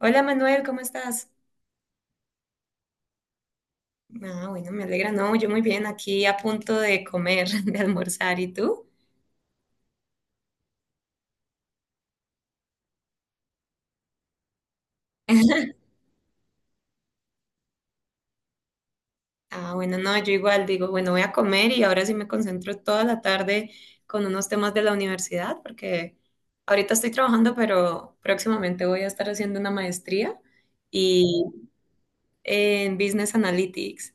Hola Manuel, ¿cómo estás? Ah, bueno, me alegra. No, yo muy bien, aquí a punto de comer, de almorzar. ¿Y tú? Ah, bueno, no, yo igual digo, bueno, voy a comer y ahora sí me concentro toda la tarde con unos temas de la universidad, porque ahorita estoy trabajando, pero próximamente voy a estar haciendo una maestría y en Business Analytics.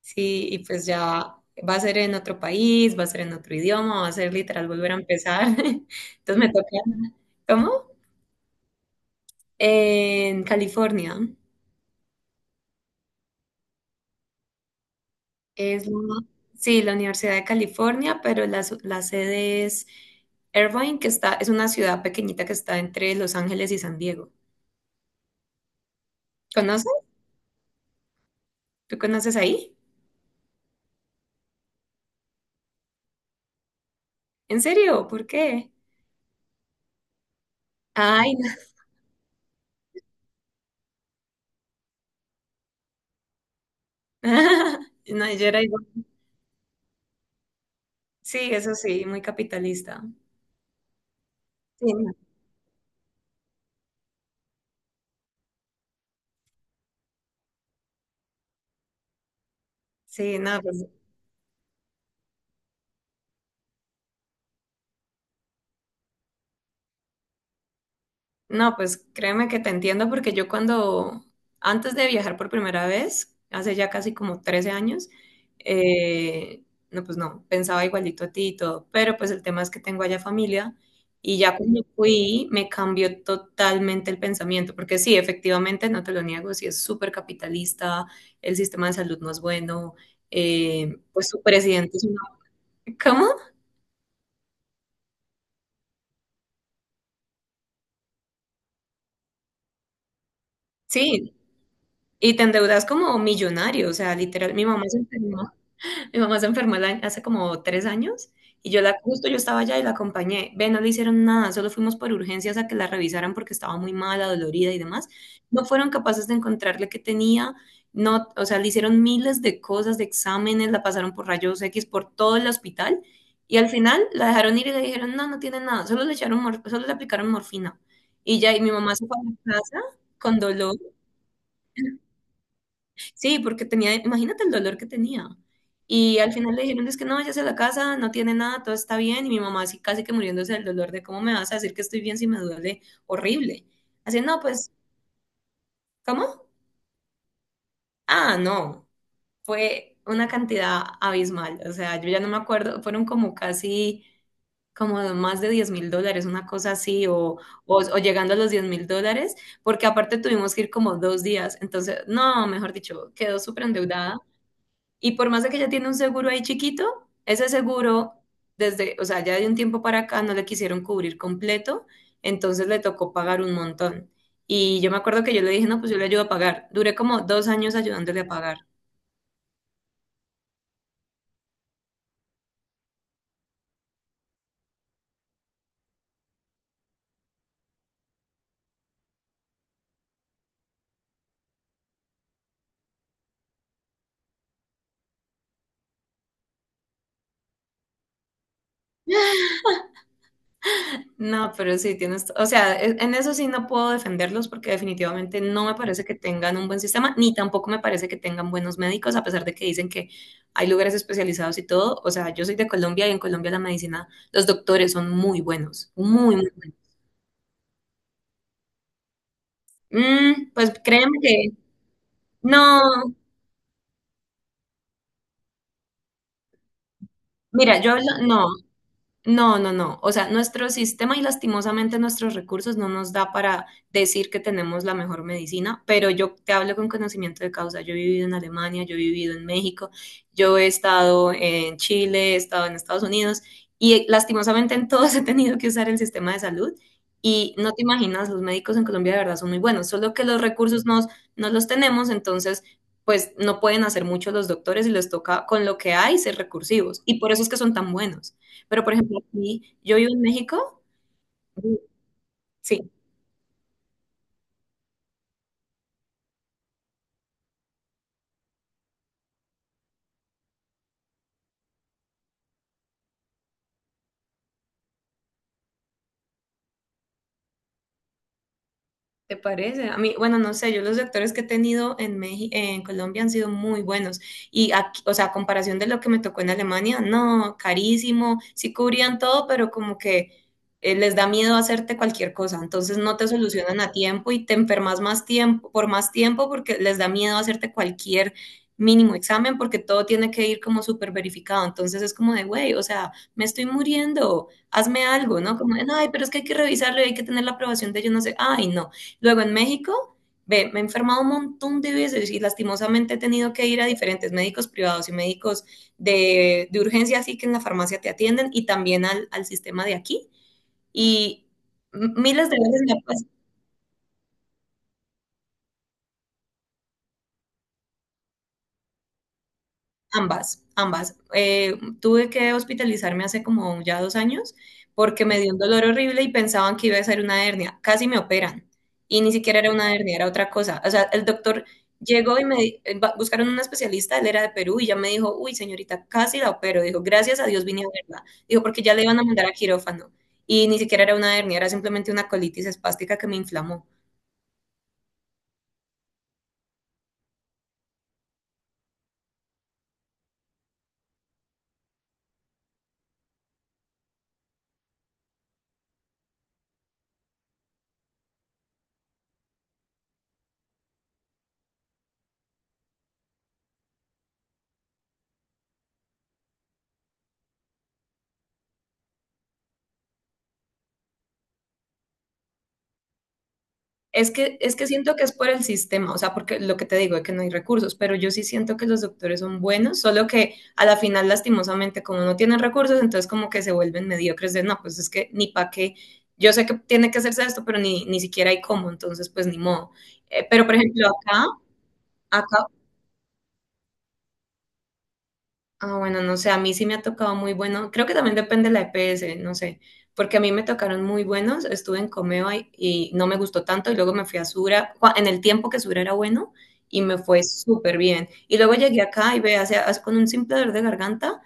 Sí, y pues ya va a ser en otro país, va a ser en otro idioma, va a ser literal volver a empezar. Entonces me toca. ¿Cómo? En California. Es la, sí, la Universidad de California, pero la, la sede es Irvine, que está, es una ciudad pequeñita que está entre Los Ángeles y San Diego. ¿Conoces? ¿Tú conoces ahí? ¿En serio? ¿Por qué? Ay, no. No, yo era igual. Sí, eso sí, muy capitalista. Sí, no. Sí, no, pues. No, pues créeme que te entiendo porque yo cuando, antes de viajar por primera vez, hace ya casi como 13 años, eh, no, pues no, pensaba igualito a ti y todo, pero pues el tema es que tengo allá familia y ya cuando fui me cambió totalmente el pensamiento, porque sí, efectivamente, no te lo niego, sí es súper capitalista, el sistema de salud no es bueno, pues su presidente es una... ¿Cómo? Sí, y te endeudas como millonario, o sea, literal, mi mamá se enfermó. Mi mamá se enfermó hace como 3 años y yo la, justo yo estaba allá y la acompañé. Ve, no le hicieron nada, solo fuimos por urgencias a que la revisaran porque estaba muy mala, dolorida y demás. No fueron capaces de encontrarle qué tenía, no, o sea, le hicieron miles de cosas, de exámenes, la pasaron por rayos X por todo el hospital y al final la dejaron ir y le dijeron, no, no tiene nada, solo le echaron, solo le aplicaron morfina. Y ya, y mi mamá se fue a la casa con dolor. Sí, porque tenía, imagínate el dolor que tenía. Y al final le dijeron, es que no, vayas a la casa, no tiene nada, todo está bien. Y mi mamá así casi que muriéndose del dolor de, ¿cómo me vas a decir que estoy bien si me duele horrible? Así, no, pues, ¿cómo? Ah, no, fue una cantidad abismal. O sea, yo ya no me acuerdo, fueron como casi, como más de 10.000 dólares, una cosa así, o llegando a los 10.000 dólares, porque aparte tuvimos que ir como 2 días. Entonces, no, mejor dicho, quedó súper endeudada. Y por más de que ella tiene un seguro ahí chiquito, ese seguro, desde, o sea, ya de un tiempo para acá no le quisieron cubrir completo, entonces le tocó pagar un montón. Y yo me acuerdo que yo le dije, no, pues yo le ayudo a pagar. Duré como 2 años ayudándole a pagar. No, pero sí, tienes, o sea, en eso sí no puedo defenderlos porque definitivamente no me parece que tengan un buen sistema, ni tampoco me parece que tengan buenos médicos, a pesar de que dicen que hay lugares especializados y todo. O sea, yo soy de Colombia y en Colombia la medicina, los doctores son muy buenos, muy, muy. Mm. Pues créeme que no, mira, no. No, no, no. O sea, nuestro sistema y lastimosamente nuestros recursos no nos da para decir que tenemos la mejor medicina, pero yo te hablo con conocimiento de causa. Yo he vivido en Alemania, yo he vivido en México, yo he estado en Chile, he estado en Estados Unidos y lastimosamente en todos he tenido que usar el sistema de salud y no te imaginas, los médicos en Colombia de verdad son muy buenos, solo que los recursos no, no los tenemos, entonces pues no pueden hacer mucho los doctores y les toca con lo que hay ser recursivos y por eso es que son tan buenos. Pero, por ejemplo, aquí, yo vivo en México, sí. ¿Te parece? A mí, bueno, no sé, yo los actores que he tenido en México, en Colombia han sido muy buenos. Y aquí, o sea, a comparación de lo que me tocó en Alemania, no, carísimo, sí cubrían todo, pero como que les da miedo hacerte cualquier cosa. Entonces no te solucionan a tiempo y te enfermas más tiempo, por más tiempo porque les da miedo hacerte cualquier mínimo examen porque todo tiene que ir como súper verificado. Entonces es como de, güey, o sea, me estoy muriendo, hazme algo, ¿no? Como, de, ay, pero es que hay que revisarlo y hay que tener la aprobación de yo no sé, ay, no. Luego en México, ve, me he enfermado un montón de veces y lastimosamente he tenido que ir a diferentes médicos privados y médicos de urgencia, así que en la farmacia te atienden y también al sistema de aquí. Y miles de veces me ha pasado. Ambas, ambas. Tuve que hospitalizarme hace como ya 2 años porque me dio un dolor horrible y pensaban que iba a ser una hernia. Casi me operan y ni siquiera era una hernia, era otra cosa. O sea, el doctor llegó y buscaron un especialista, él era de Perú y ya me dijo, uy, señorita, casi la opero. Dijo, gracias a Dios vine a verla. Dijo, porque ya le iban a mandar a quirófano y ni siquiera era una hernia, era simplemente una colitis espástica que me inflamó. Es que siento que es por el sistema, o sea, porque lo que te digo es que no hay recursos, pero yo sí siento que los doctores son buenos, solo que a la final, lastimosamente, como no tienen recursos, entonces como que se vuelven mediocres de, no, pues es que ni pa' qué, yo sé que tiene que hacerse esto, pero ni siquiera hay cómo, entonces pues ni modo. Pero por ejemplo, acá. Ah, bueno, no sé, a mí sí me ha tocado muy bueno. Creo que también depende de la EPS, no sé, porque a mí me tocaron muy buenos. Estuve en Comeva y, no me gustó tanto y luego me fui a Sura, en el tiempo que Sura era bueno y me fue súper bien. Y luego llegué acá y ve, con un simple dolor de garganta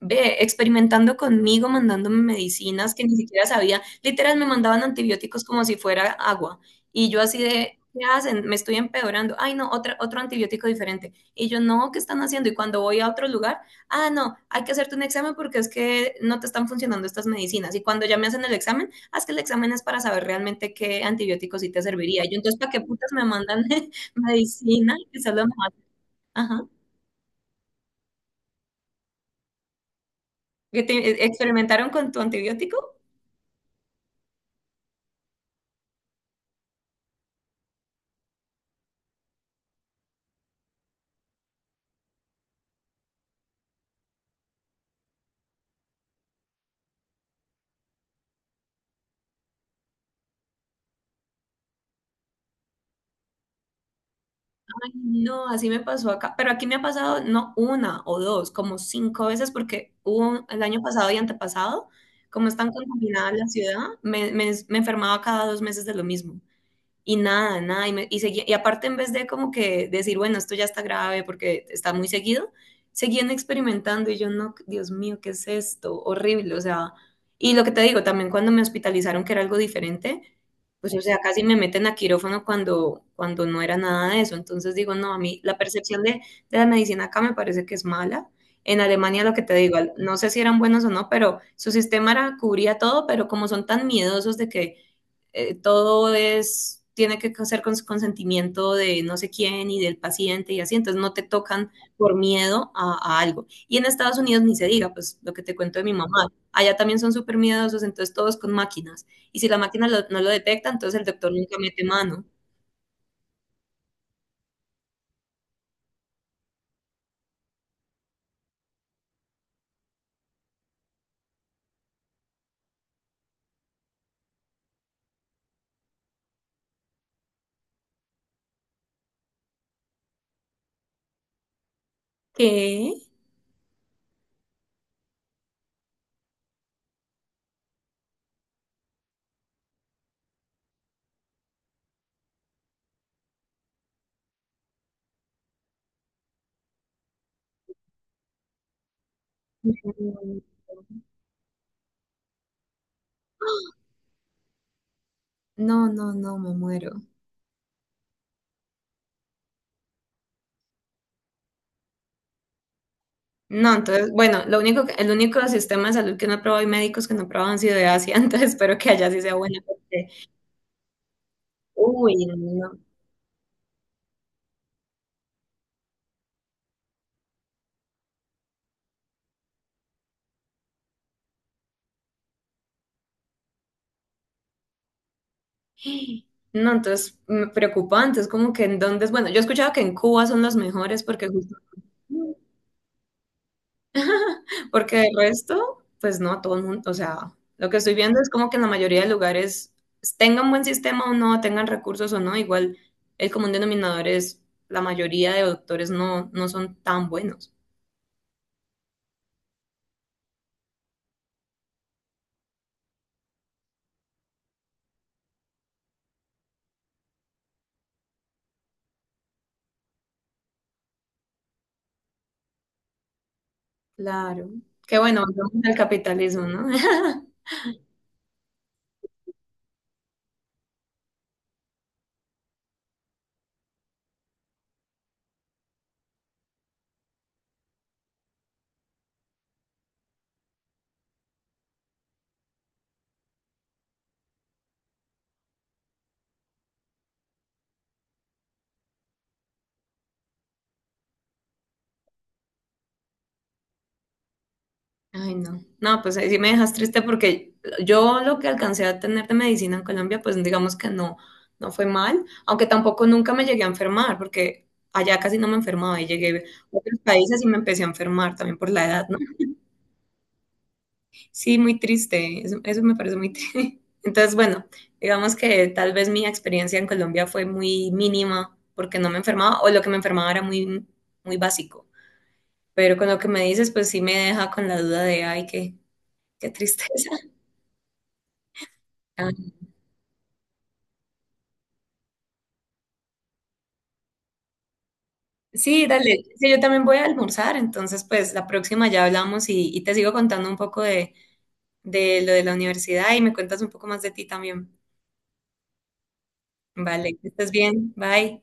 ve, experimentando conmigo, mandándome medicinas que ni siquiera sabía. Literal, me mandaban antibióticos como si fuera agua. Y yo así de, ¿qué hacen? Me estoy empeorando. Ay, no, otro antibiótico diferente. Y yo, no, ¿qué están haciendo? Y cuando voy a otro lugar, ah, no, hay que hacerte un examen porque es que no te están funcionando estas medicinas. Y cuando ya me hacen el examen, ah, es que el examen es para saber realmente qué antibiótico sí te serviría. Y yo, entonces, ¿para qué putas me mandan medicina? Que solo me. Ajá. ¿Que te- experimentaron con tu antibiótico? Ay, no, así me pasó acá, pero aquí me ha pasado no una o dos, como 5 veces, porque hubo el año pasado y antepasado, como es tan contaminada la ciudad, me enfermaba cada 2 meses de lo mismo y nada, nada, y aparte en vez de como que decir, bueno, esto ya está grave porque está muy seguido, seguían experimentando y yo no, Dios mío, ¿qué es esto? Horrible, o sea, y lo que te digo, también cuando me hospitalizaron que era algo diferente, pues o sea, casi me meten a quirófano cuando no era nada de eso, entonces digo, no, a mí la percepción de, la medicina acá me parece que es mala. En Alemania, lo que te digo, no sé si eran buenos o no, pero su sistema era, cubría todo, pero como son tan miedosos de que todo es, tiene que ser con consentimiento de no sé quién y del paciente y así, entonces no te tocan por miedo a algo. Y en Estados Unidos ni se diga, pues lo que te cuento de mi mamá, allá también son súper miedosos, entonces todos con máquinas. Y si la máquina no lo detecta, entonces el doctor nunca mete mano. ¿Qué? Mm. No, no, no, me muero. No, entonces, bueno, lo único el único sistema de salud que no he probado y médicos que no he probado han sido de Asia, entonces espero que allá sí sea buena, porque, uy, no. No. No, entonces preocupante, es como que en dónde, bueno, yo he escuchado que en Cuba son los mejores porque justo, porque el resto, pues no, todo el mundo, o sea, lo que estoy viendo es como que en la mayoría de lugares tengan buen sistema o no, tengan recursos o no, igual el común denominador es la mayoría de doctores no, no son tan buenos. Claro. Qué bueno, volvemos al capitalismo, ¿no? Ay, no. No, pues ahí sí me dejas triste porque yo lo que alcancé a tener de medicina en Colombia, pues digamos que no, no fue mal, aunque tampoco nunca me llegué a enfermar, porque allá casi no me enfermaba y llegué a otros países y me empecé a enfermar también por la edad, ¿no? Sí, muy triste, eso me parece muy triste. Entonces, bueno, digamos que tal vez mi experiencia en Colombia fue muy mínima porque no me enfermaba o lo que me enfermaba era muy, muy básico. Pero con lo que me dices, pues sí me deja con la duda de, ay, qué, tristeza. Sí, dale. Sí, yo también voy a almorzar, entonces pues la próxima ya hablamos y te sigo contando un poco de, lo de la universidad y me cuentas un poco más de ti también. Vale, que estés bien. Bye.